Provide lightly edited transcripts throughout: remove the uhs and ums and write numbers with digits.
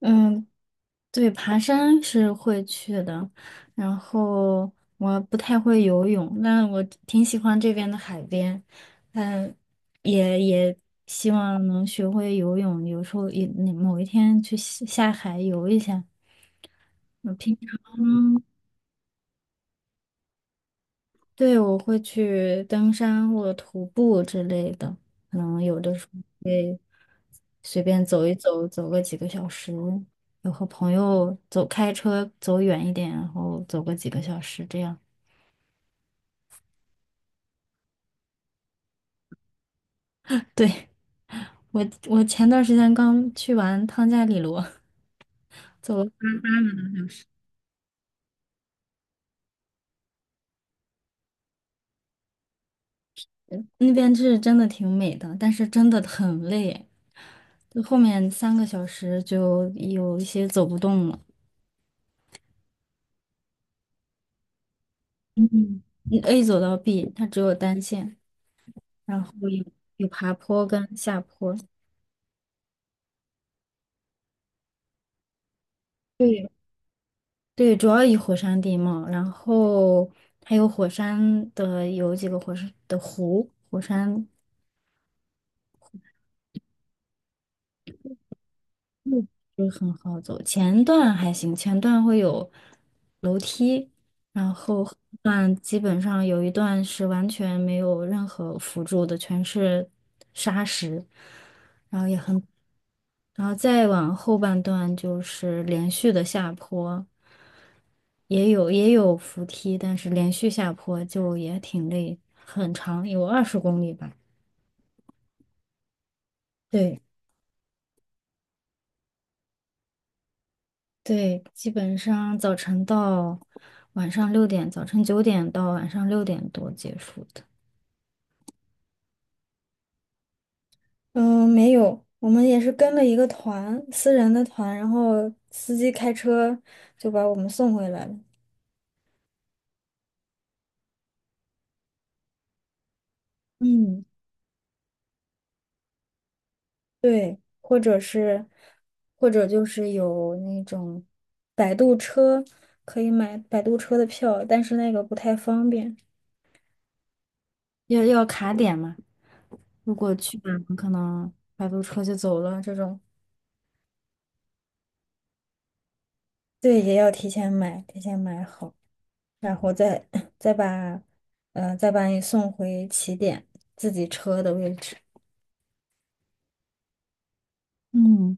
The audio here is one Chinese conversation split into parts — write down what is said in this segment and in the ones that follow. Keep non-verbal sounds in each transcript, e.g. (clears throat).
嗯，对，爬山是会去的，然后我不太会游泳，但我挺喜欢这边的海边，嗯，也希望能学会游泳，有时候也某一天去下海游一下。我平常对，我会去登山或者徒步之类的，可能有的时候会随便走一走，走个几个小时，有和朋友走，开车走远一点，然后走个几个小时这样。对，我前段时间刚去完汤加里罗，走那边是真的挺美的，但是真的很累，就后面3个小时就有一些走不动了。嗯，你 A 走到 B，它只有单线。然后有爬坡跟下坡。对，对，主要以火山地貌，然后还有火山的有几个火山的湖，火山。就很好走。前段还行，前段会有楼梯，然后后段基本上有一段是完全没有任何辅助的，全是沙石，然后也很，然后再往后半段就是连续的下坡，也有扶梯，但是连续下坡就也挺累，很长，有20公里吧。对。对，基本上早晨到晚上六点，早晨9点到晚上6点多结束的。嗯，没有，我们也是跟了一个团，私人的团，然后司机开车就把我们送回来了。嗯，对，或者是，或者就是有那种摆渡车，可以买摆渡车的票，但是那个不太方便，要卡点嘛。如果去晚了，可能摆渡车就走了这种。对，也要提前买，提前买好，然后再 (clears throat) 再把，再把你送回起点自己车的位置。嗯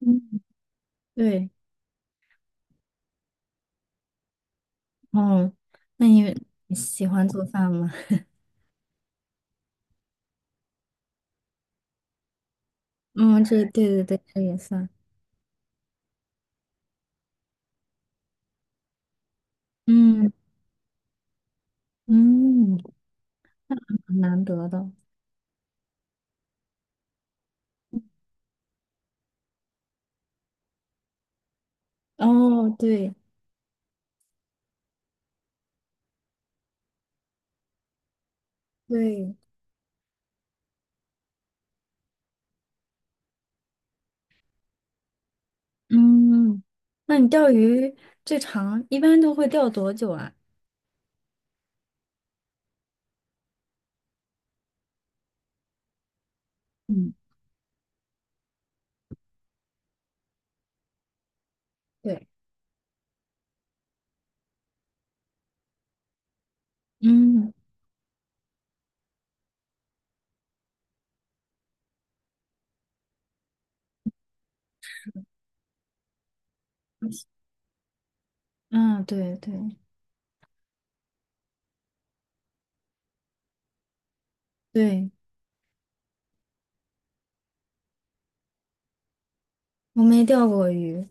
嗯，对，哦，那你喜欢做饭吗？(laughs) 嗯，这对对对，这也算，嗯嗯，很难得的。哦，对对，嗯，那你钓鱼最长一般都会钓多久啊？嗯，对，嗯嗯，对对对，我没钓过鱼，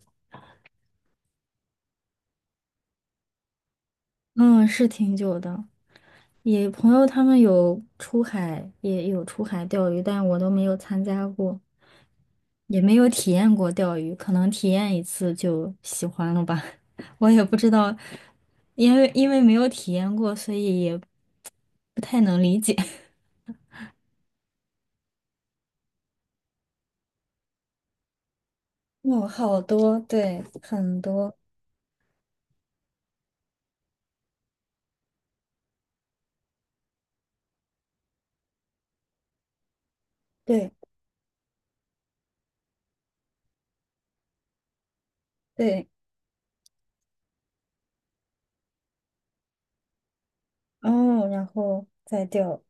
嗯，是挺久的。也朋友他们有出海，也有出海钓鱼，但我都没有参加过，也没有体验过钓鱼，可能体验一次就喜欢了吧。(laughs) 我也不知道，因为没有体验过，所以也不太能理解。(laughs) 哦，好多，对，很多，对对，哦，然后再钓，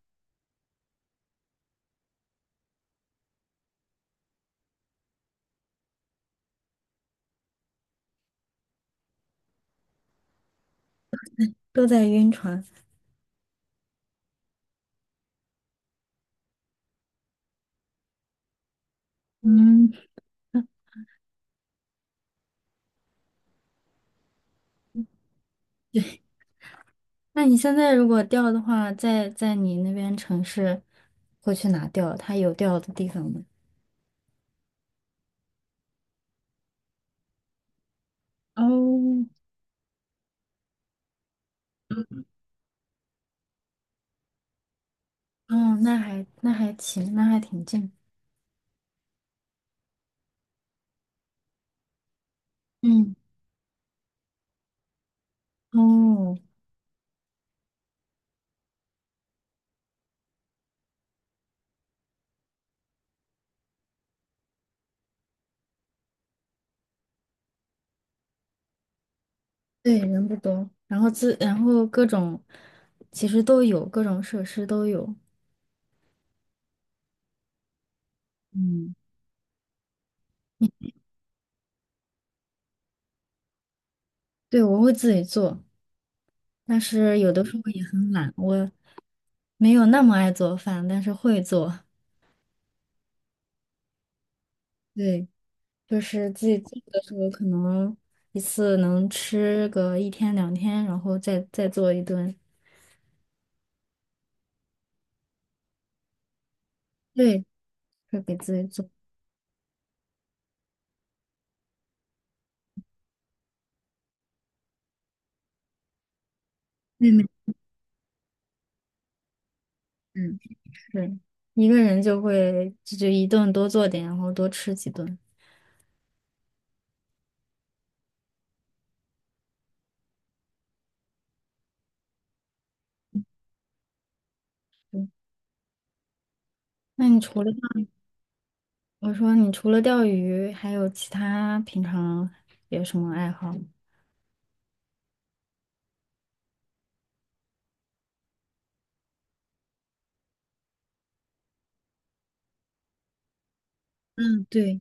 都在晕船。嗯。那你现在如果钓的话，在你那边城市会去哪钓？它有钓的地方吗？哦，哦，那还行，那还挺近。嗯，哦，对，人不多，然后然后各种其实都有，各种设施都有。嗯，对，我会自己做，但是有的时候也很懒，我没有那么爱做饭，但是会做。对。就是自己做的时候，可能一次能吃个一天两天，然后再做一顿。对，会给自己做。妹妹，嗯，是一个人就会就一顿多做点，然后多吃几顿。嗯那你除了钓我说你除了钓鱼，还有其他平常有什么爱好？嗯，对，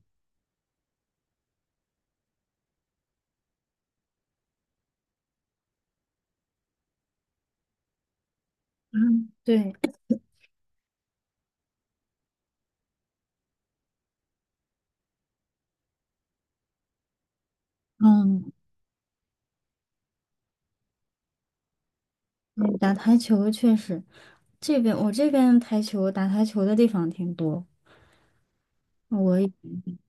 嗯，对，嗯嗯对打台球确实，我这边打台球的地方挺多。我也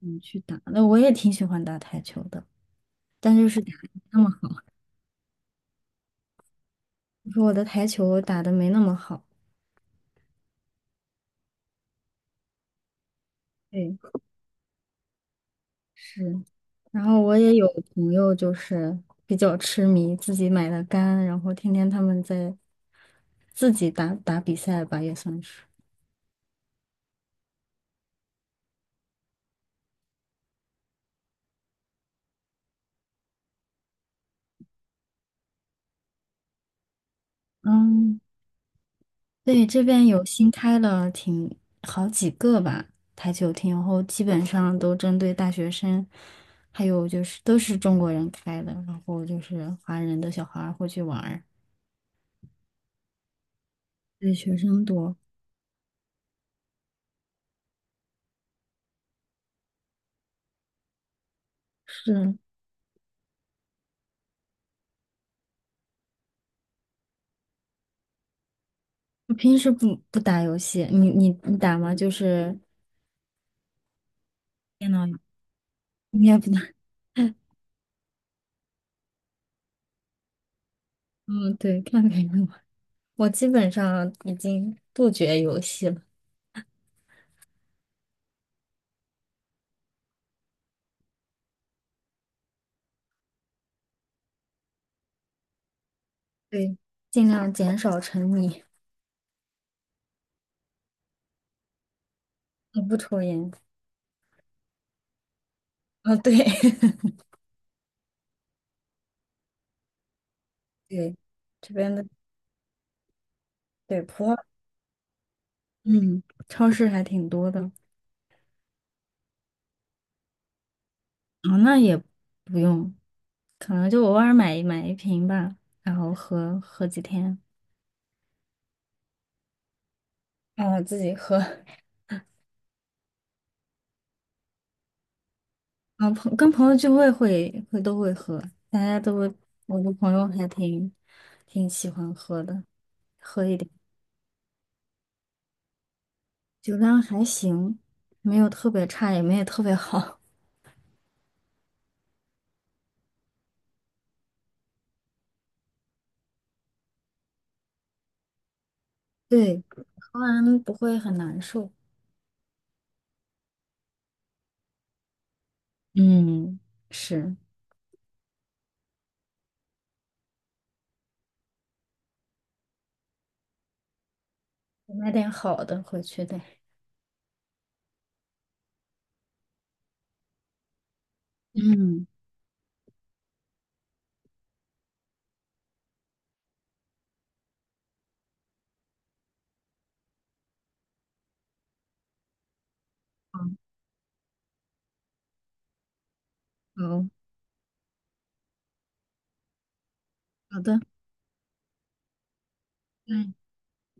去打，那我也挺喜欢打台球的，但就是打得没那么好，我说我的台球打的没那么好。对，是。然后我也有朋友就是比较痴迷，自己买的杆，然后天天他们在自己打打比赛吧，也算是。嗯。对，这边有新开了挺好几个吧台球厅，然后基本上都针对大学生，还有就是都是中国人开的，然后就是华人的小孩儿会去玩儿，对，学生多。是，我平时不打游戏，你打吗？就是电脑你也不打？(laughs) 嗯，对，看别人玩我基本上已经杜绝游戏了，对，尽量减少沉迷，我不抽烟。哦，对，(laughs) 对。这边的对，普洱，嗯，超市还挺多的。啊，那也不用，可能就偶尔买一瓶吧，然后喝喝几天。啊，自己喝。(laughs) 啊，跟朋友聚会都会喝，大家都会，我的朋友还挺喜欢喝的，酒量还行，没有特别差，也没有特别好。(laughs) 对，喝完不会很难受。嗯，是，买点好的回去得。嗯，好，好的。嗯。